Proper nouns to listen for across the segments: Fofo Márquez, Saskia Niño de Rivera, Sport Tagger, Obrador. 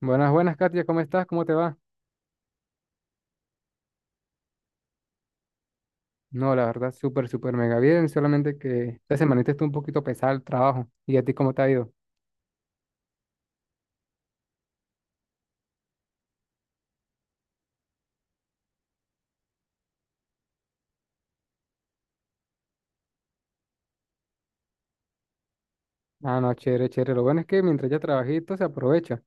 Buenas, buenas, Katia, ¿cómo estás? ¿Cómo te va? No, la verdad, súper, súper mega bien, solamente que esta semanita estuvo un poquito pesado el trabajo. ¿Y a ti cómo te ha ido? Ah, no, chévere, chévere. Lo bueno es que mientras ya trabajito se aprovecha.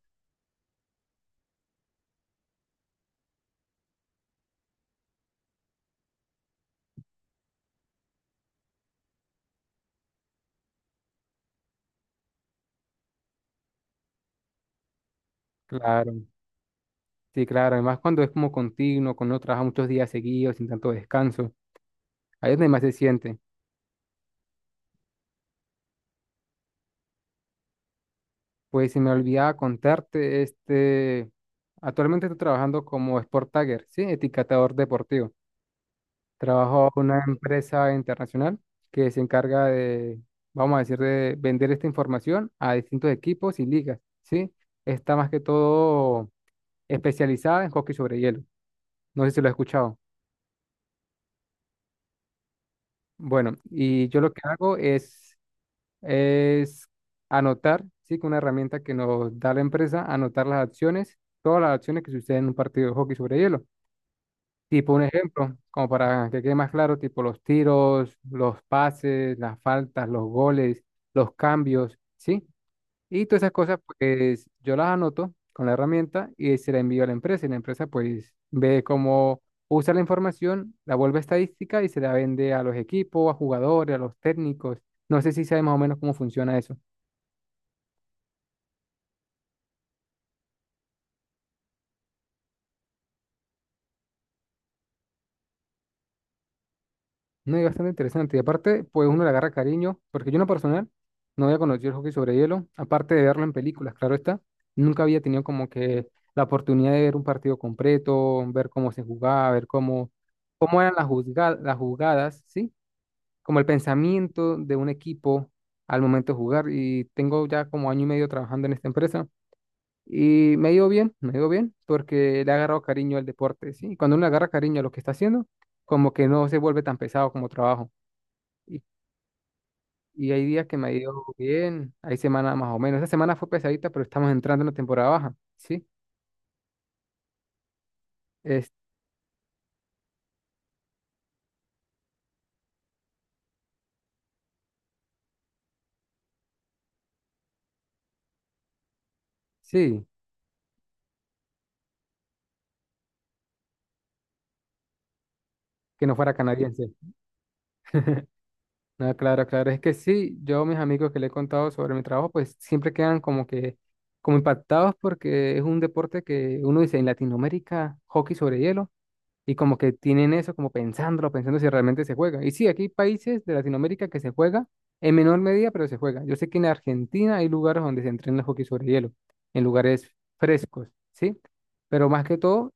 Claro, sí, claro. Además, cuando es como continuo, cuando uno trabaja muchos días seguidos, sin tanto descanso, ahí es donde más se siente. Pues se me olvidaba contarte, actualmente estoy trabajando como Sport Tagger, sí, etiquetador deportivo. Trabajo en una empresa internacional que se encarga de, vamos a decir, de vender esta información a distintos equipos y ligas, ¿sí? Está más que todo especializada en hockey sobre hielo. No sé si lo has escuchado. Bueno, y yo lo que hago es anotar, sí, con una herramienta que nos da la empresa, anotar las acciones, todas las acciones que suceden en un partido de hockey sobre hielo. Tipo un ejemplo, como para que quede más claro, tipo los tiros, los pases, las faltas, los goles, los cambios, ¿sí? Y todas esas cosas, pues yo las anoto con la herramienta y se la envío a la empresa. Y la empresa, pues, ve cómo usa la información, la vuelve estadística y se la vende a los equipos, a jugadores, a los técnicos. No sé si sabes más o menos cómo funciona eso. No, es bastante interesante. Y aparte, pues uno le agarra cariño, porque yo en lo personal no había conocido el hockey sobre hielo, aparte de verlo en películas, claro está. Nunca había tenido como que la oportunidad de ver un partido completo, ver cómo se jugaba, ver cómo, cómo eran las las jugadas, ¿sí? Como el pensamiento de un equipo al momento de jugar. Y tengo ya como año y medio trabajando en esta empresa. Y me ha ido bien, me ha ido bien, porque le ha agarrado cariño al deporte, ¿sí? Y cuando uno le agarra cariño a lo que está haciendo, como que no se vuelve tan pesado como trabajo. Y y hay días que me ha ido bien, hay semanas más o menos. Esta semana fue pesadita, pero estamos entrando en la temporada baja, ¿sí? Es, sí, que no fuera canadiense. No, claro, claro. Es que sí, yo a mis amigos que le he contado sobre mi trabajo, pues siempre quedan como que, como impactados porque es un deporte que uno dice en Latinoamérica, hockey sobre hielo, y como que tienen eso, como pensándolo, pensando si realmente se juega. Y sí, aquí hay países de Latinoamérica que se juega en menor medida, pero se juega. Yo sé que en Argentina hay lugares donde se entrena hockey sobre hielo, en lugares frescos, ¿sí? Pero más que todo,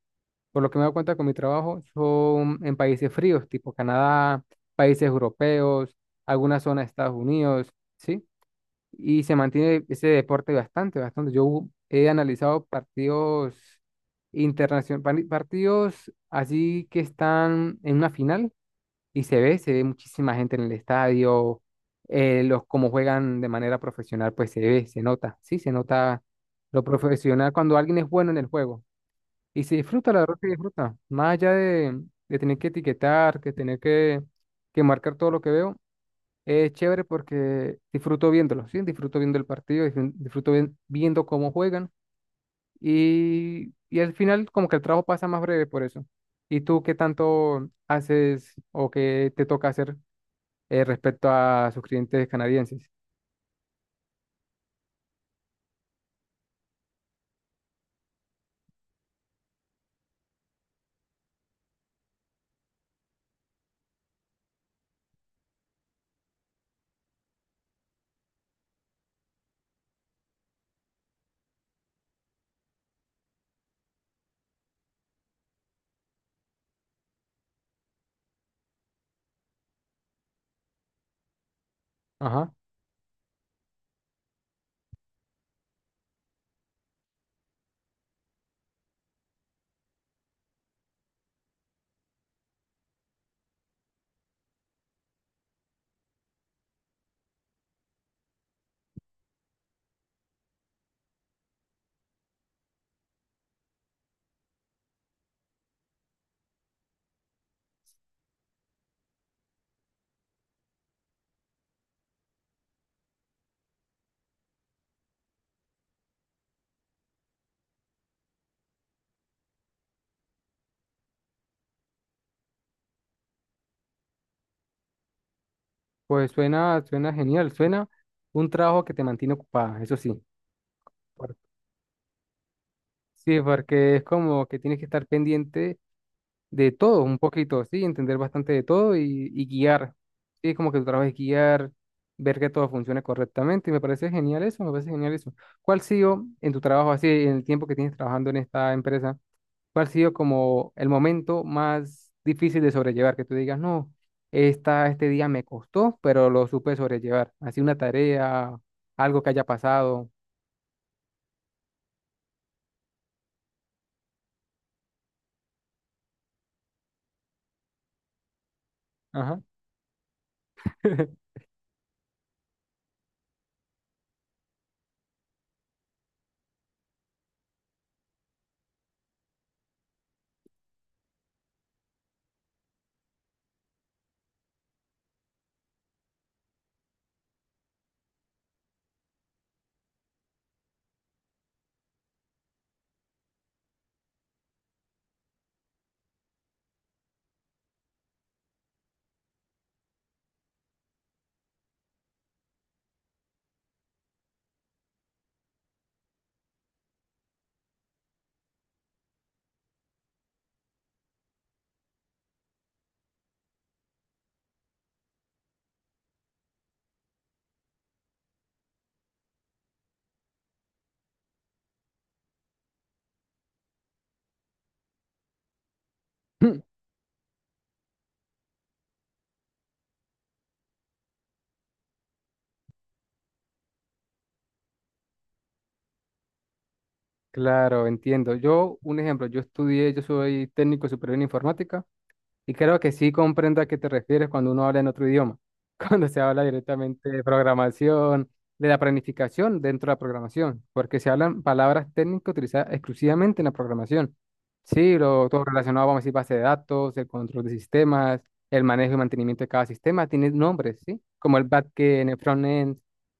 por lo que me doy cuenta con mi trabajo, son en países fríos, tipo Canadá, países europeos, algunas zonas de Estados Unidos, ¿sí? Y se mantiene ese deporte bastante, bastante. Yo he analizado partidos internacionales, partidos así que están en una final y se ve muchísima gente en el estadio, los como juegan de manera profesional, pues se ve, se nota, sí, se nota lo profesional cuando alguien es bueno en el juego y se disfruta, la verdad se disfruta, más allá de tener que etiquetar, que tener que marcar todo lo que veo. Es chévere porque disfruto viéndolo, ¿sí? Disfruto viendo el partido, disfruto viendo cómo juegan y al final como que el trabajo pasa más breve por eso. ¿Y tú qué tanto haces o qué te toca hacer respecto a sus clientes canadienses? Ajá, pues suena, suena genial, suena un trabajo que te mantiene ocupada, eso sí. Por- Sí, porque es como que tienes que estar pendiente de todo, un poquito, ¿sí? Entender bastante de todo y guiar, ¿sí? Como que tu trabajo es guiar, ver que todo funcione correctamente y me parece genial eso, me parece genial eso. ¿Cuál ha sido en tu trabajo, así, en el tiempo que tienes trabajando en esta empresa, cuál ha sido como el momento más difícil de sobrellevar? Que tú digas, no, esta, este día me costó, pero lo supe sobrellevar. Así una tarea, algo que haya pasado. Ajá. Claro, entiendo. Yo, un ejemplo, yo estudié, yo soy técnico superior en informática. Y creo que sí comprendo a qué te refieres cuando uno habla en otro idioma, cuando se habla directamente de programación, de la planificación dentro de la programación, porque se hablan palabras técnicas utilizadas exclusivamente en la programación. Sí, lo, todo relacionado, vamos a decir, base de datos, el control de sistemas, el manejo y mantenimiento de cada sistema, tiene nombres, ¿sí? Como el backend, el frontend,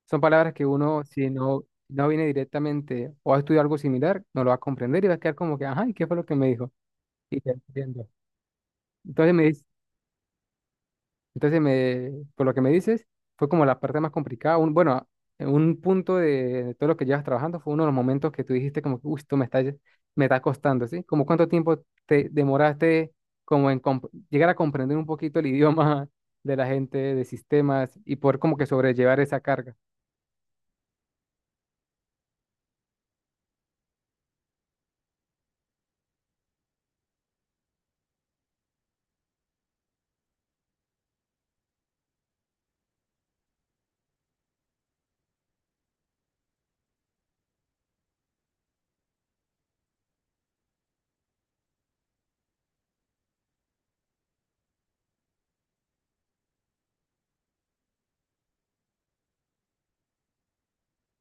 son palabras que uno, si no, no viene directamente o ha estudiado algo similar, no lo va a comprender y va a quedar como que, ajá, ¿y qué fue lo que me dijo? Y te entiendo. Entonces me dice, entonces, me, por lo que me dices, fue como la parte más complicada. Un, bueno, un punto de todo lo que llevas trabajando fue uno de los momentos que tú dijiste como que, uy, esto me está, me está costando, ¿sí? Como cuánto tiempo te demoraste como en llegar a comprender un poquito el idioma de la gente, de sistemas y poder como que sobrellevar esa carga.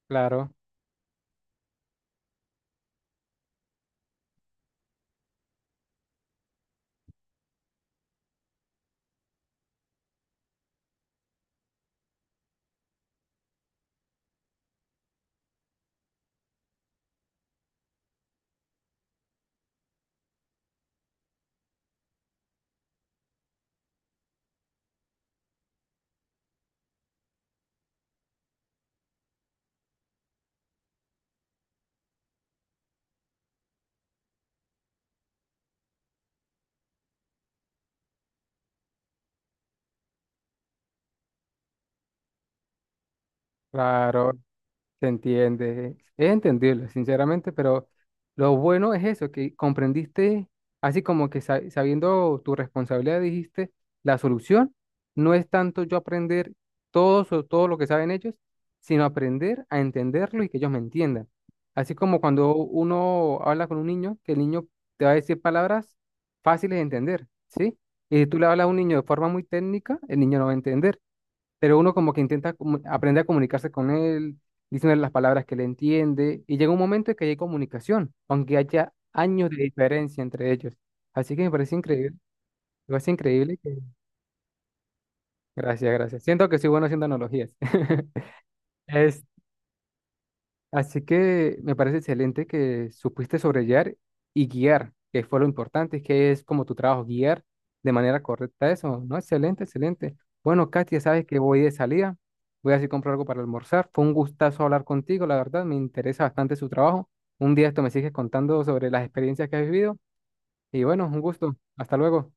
Claro, claro, se entiende, es entendible, sinceramente, pero lo bueno es eso, que comprendiste, así como que sabiendo tu responsabilidad, dijiste, la solución no es tanto yo aprender todo, todo lo que saben ellos, sino aprender a entenderlo y que ellos me entiendan. Así como cuando uno habla con un niño, que el niño te va a decir palabras fáciles de entender, ¿sí? Y si tú le hablas a un niño de forma muy técnica, el niño no va a entender pero uno como que intenta aprender a comunicarse con él, diciéndole las palabras que le entiende, y llega un momento en que hay comunicación, aunque haya años de diferencia entre ellos. Así que me parece increíble que... Gracias, gracias. Siento que soy bueno haciendo analogías. Este, así que me parece excelente que supiste sobrellevar y guiar, que fue lo importante, que es como tu trabajo, guiar de manera correcta eso, ¿no? Excelente, excelente. Bueno, Katia, sabes que voy de salida, voy a ir a comprar algo para almorzar. Fue un gustazo hablar contigo, la verdad, me interesa bastante su trabajo. Un día esto me sigues contando sobre las experiencias que has vivido y bueno, un gusto. Hasta luego.